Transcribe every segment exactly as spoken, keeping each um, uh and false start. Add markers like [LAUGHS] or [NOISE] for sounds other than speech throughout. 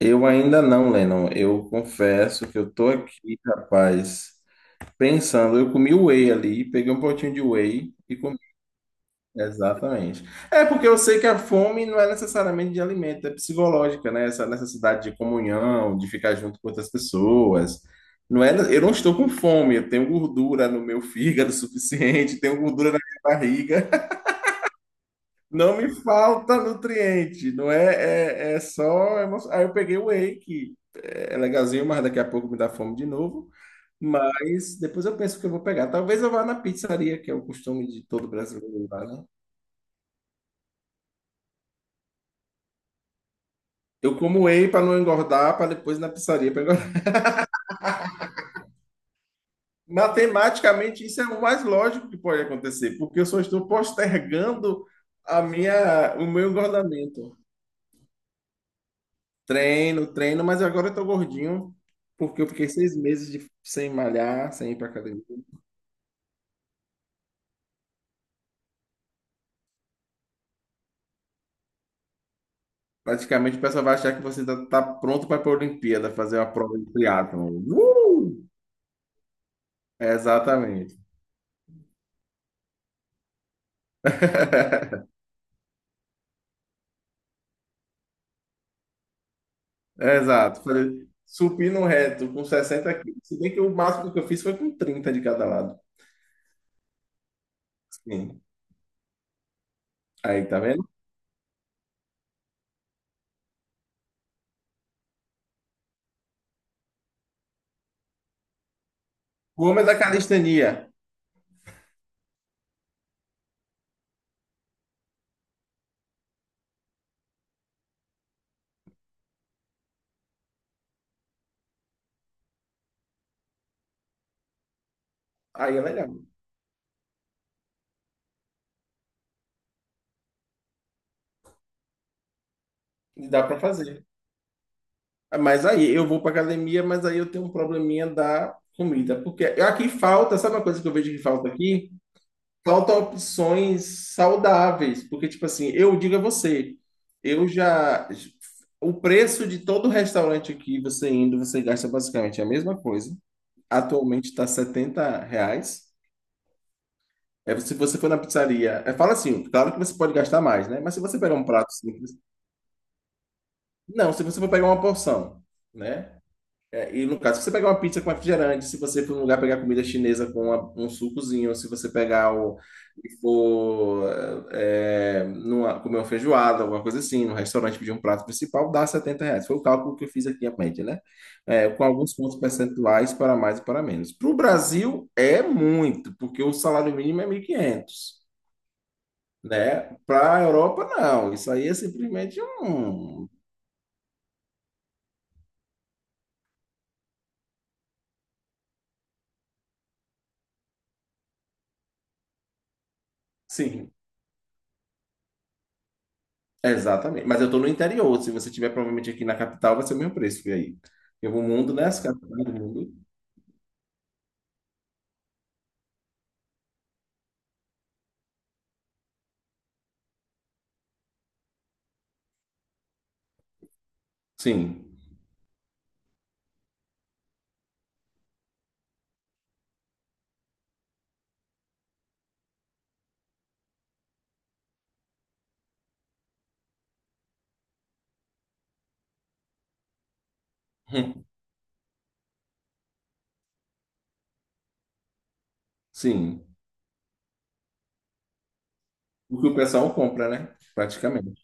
Eu ainda não, Lennon. Eu confesso que eu tô aqui, rapaz, pensando. Eu comi whey ali, peguei um potinho de whey e comi. Exatamente. É porque eu sei que a fome não é necessariamente de alimento, é psicológica, né? Essa necessidade de comunhão, de ficar junto com outras pessoas. Não é, eu não estou com fome, eu tenho gordura no meu fígado [LAUGHS] suficiente, tenho gordura na minha barriga. Não me falta nutriente, não é, é, é só emoção. Aí eu peguei o whey, que é legalzinho, mas daqui a pouco me dá fome de novo. Mas depois eu penso que eu vou pegar. Talvez eu vá na pizzaria, que é o costume de todo brasileiro lá, né? Eu como whey para não engordar, para depois ir na pizzaria para engordar. [LAUGHS] Matematicamente, isso é o mais lógico que pode acontecer, porque eu só estou postergando a minha, o meu engordamento. Treino, treino, mas agora eu tô gordinho porque eu fiquei seis meses de- sem malhar, sem ir pra academia. Praticamente o pessoal vai achar que você tá, tá pronto para ir pra Olimpíada, fazer uma prova de triatlon. Uh! Exatamente. [LAUGHS] Exato. Falei, supino reto com sessenta quilos. Se bem que o máximo que eu fiz foi com trinta de cada lado. Sim. Aí, tá vendo? O homem é da calistenia. Aí é legal. E dá pra fazer. Mas aí eu vou para academia, mas aí eu tenho um probleminha da comida, porque aqui falta, sabe uma coisa que eu vejo que falta aqui? Falta opções saudáveis, porque tipo assim, eu digo a você, eu já o preço de todo restaurante aqui, você indo, você gasta basicamente a mesma coisa. Atualmente está setenta reais. É, se você for na pizzaria, é, fala assim, claro que você pode gastar mais, né? Mas se você pegar um prato simples, não, se você for pegar uma porção, né? E no caso, se você pegar uma pizza com refrigerante, se você for num lugar pegar comida chinesa com uma- um sucozinho, se você pegar o e for é, numa- comer uma feijoada, alguma coisa assim, no restaurante pedir um prato principal, dá setenta reais. Foi o cálculo que eu fiz aqui à mente, né? É, com alguns pontos percentuais para mais e para menos. Para o Brasil é muito, porque o salário mínimo é mil e quinhentos, né? Para a Europa, não. Isso aí é simplesmente um. Sim, exatamente. Mas eu estou no interior. Se você tiver provavelmente aqui na capital, vai ser o mesmo preço. E aí? Eu vou mundo, né? As capitais do mundo. Sim. [LAUGHS] Hum. Sim. O que o pessoal compra, né? Praticamente.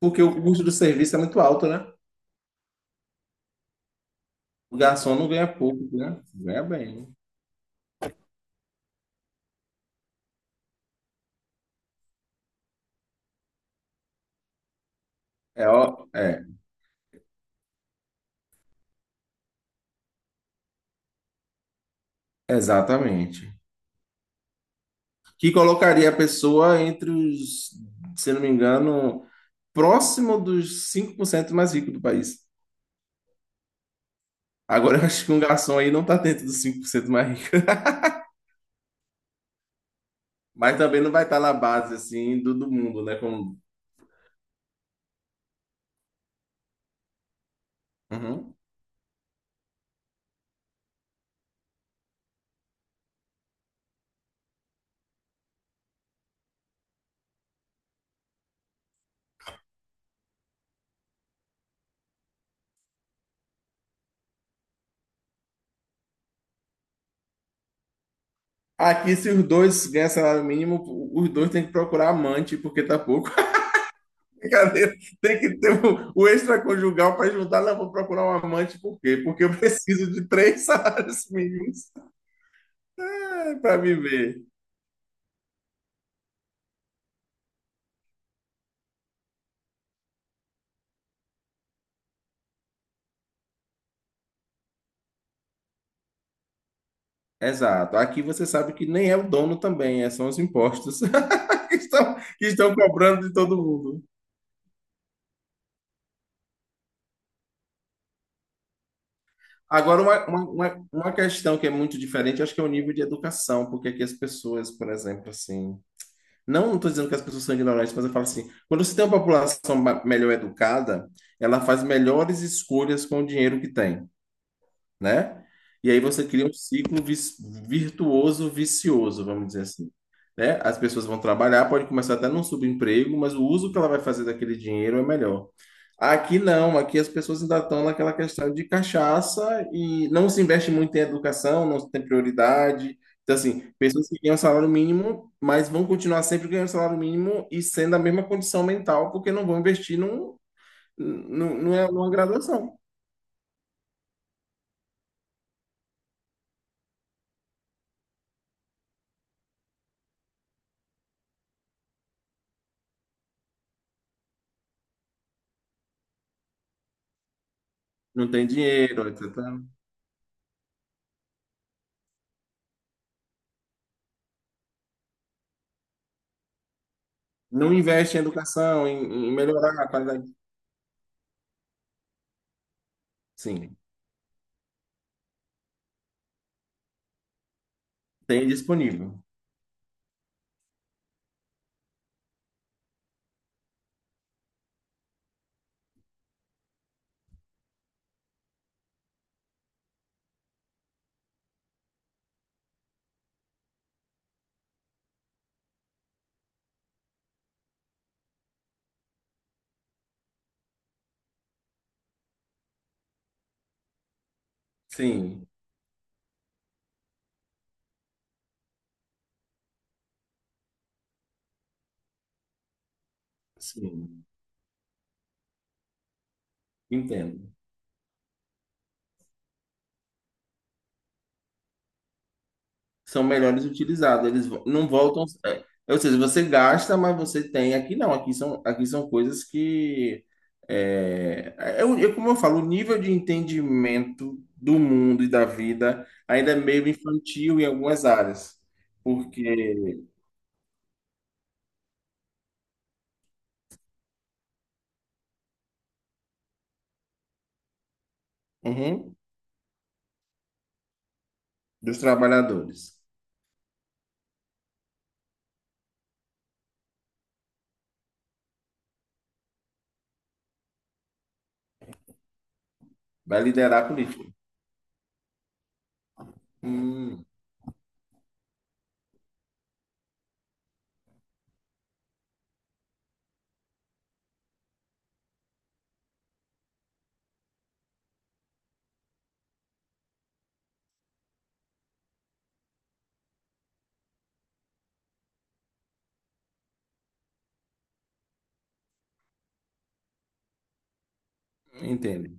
Porque o custo do serviço é muito alto, né? O garçom não ganha pouco, né? Ganha bem, né? É, ó, é, exatamente. Que colocaria a pessoa entre os, se não me engano, próximo dos cinco por cento mais ricos do país. Agora eu acho que um garçom aí não está dentro dos cinco por cento mais. Mas também não vai estar na base, assim, do, do mundo, né? Como... Uhum. Aqui, se os dois ganham salário mínimo, os dois têm que procurar amante, porque tá pouco. [LAUGHS] Brincadeira. Tem que ter o, o extraconjugal para juntar. Não, vou procurar um amante, por quê? Porque eu [LAUGHS] preciso de três [LAUGHS] salários mínimos para viver. Exato. Aqui você sabe que nem é o dono também, é, são os impostos [LAUGHS] que estão, que estão cobrando de todo mundo. Agora, uma, uma, uma uma questão que é muito diferente, acho que é o nível de educação, porque aqui as pessoas, por exemplo, assim, não estou dizendo que as pessoas são ignorantes, mas eu falo assim, quando você tem uma população ma- melhor educada, ela faz melhores escolhas com o dinheiro que tem, né? E aí você cria um ciclo vis- virtuoso, vicioso, vamos dizer assim, né? As pessoas vão trabalhar, pode começar até num subemprego, mas o uso que ela vai fazer daquele dinheiro é melhor. Aqui não, aqui as pessoas ainda estão naquela questão de cachaça e não se investe muito em educação, não se tem prioridade. Então, assim, pessoas que ganham salário mínimo, mas vão continuar sempre ganhando salário mínimo e sendo a mesma condição mental, porque não vão investir num, num, num- numa graduação. Não tem dinheiro, et cetera. Não investe em educação, em, em melhorar a qualidade. Sim, tem disponível. Sim, sim, entendo. São melhores utilizados, eles vo- não voltam. é, é, ou seja, você gasta, mas você tem. Aqui não, aqui são, aqui são coisas que. É, é, o- é como eu falo, o nível de entendimento do mundo e da vida ainda é meio infantil em algumas áreas, porque, uhum, dos trabalhadores vai liderar a política. Hum, entendo.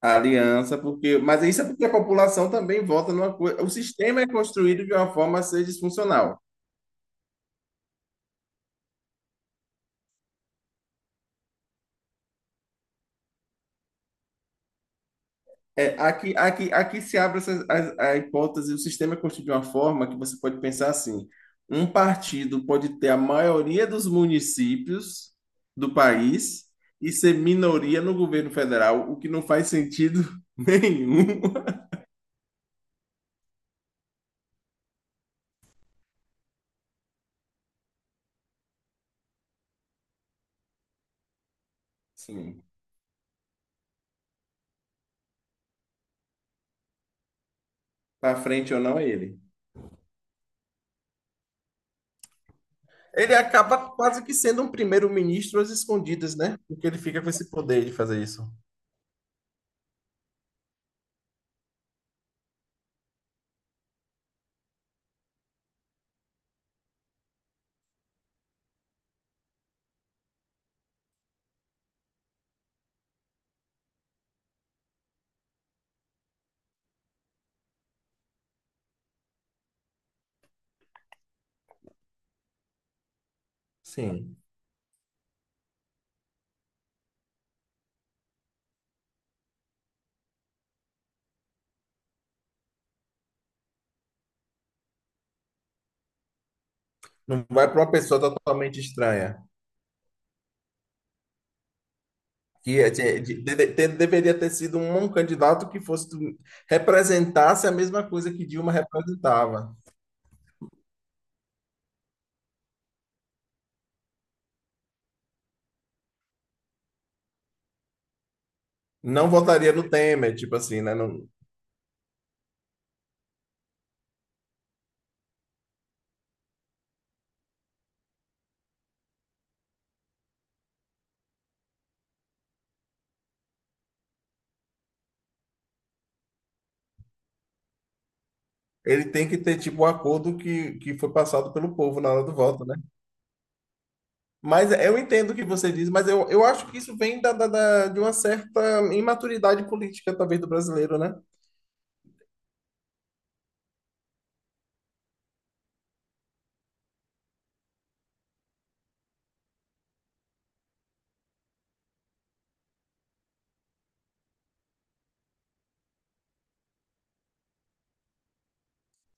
A aliança, porque. Mas isso é porque a população também vota numa coisa. O sistema é construído de uma forma a ser disfuncional. É, aqui, aqui, aqui se abre essa, a, a hipótese, o sistema é construído de uma forma que você pode pensar assim: um partido pode ter a maioria dos municípios do país e ser minoria no governo federal, o que não faz sentido [LAUGHS] nenhum. Sim. Para frente ou não é ele. Ele acaba quase que sendo um primeiro-ministro às escondidas, né? Porque ele fica com esse poder de fazer isso. Sim. Não vai para uma pessoa totalmente estranha. Que é- de- de- de- de- Deveria ter sido um um candidato que fosse representasse a mesma coisa que Dilma representava. Não votaria no Temer, tipo assim, né? Não- ele tem que ter tipo o acordo que, que foi passado pelo povo na hora do voto, né? Mas é, eu entendo o que você diz, mas eu, eu acho que isso vem da, da- da- de uma certa imaturidade política, talvez, do brasileiro, né?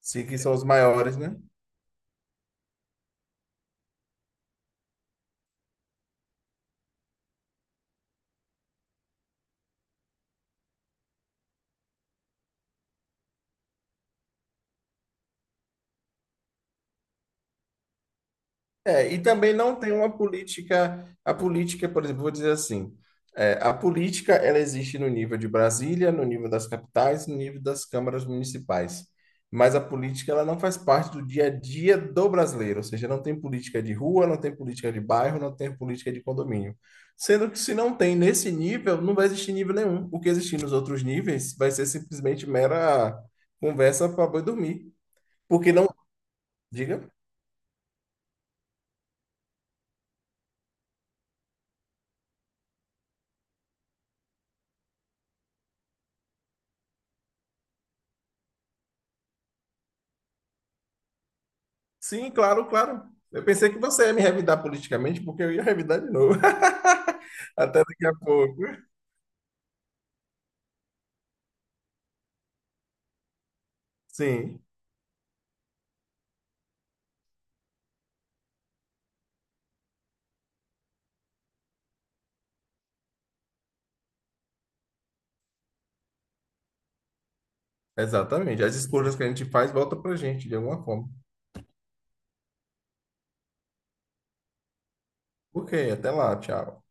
Sim, que são os maiores, né? É, e também não tem uma política. A política, por exemplo, vou dizer assim: é, a política ela existe no nível de Brasília, no nível das capitais, no nível das câmaras municipais. Mas a política ela não faz parte do dia a dia do brasileiro, ou seja, não tem política de rua, não tem política de bairro, não tem política de condomínio. Sendo que se não tem nesse nível, não vai existir nível nenhum. O que existir nos outros níveis vai ser simplesmente mera conversa para boi dormir. Porque não. Diga. Sim, claro, claro. Eu pensei que você ia me revidar politicamente, porque eu ia revidar de novo. [LAUGHS] Até daqui a pouco. Sim, exatamente. As escolhas que a gente faz volta pra gente, de alguma forma. Ok, até lá, tchau.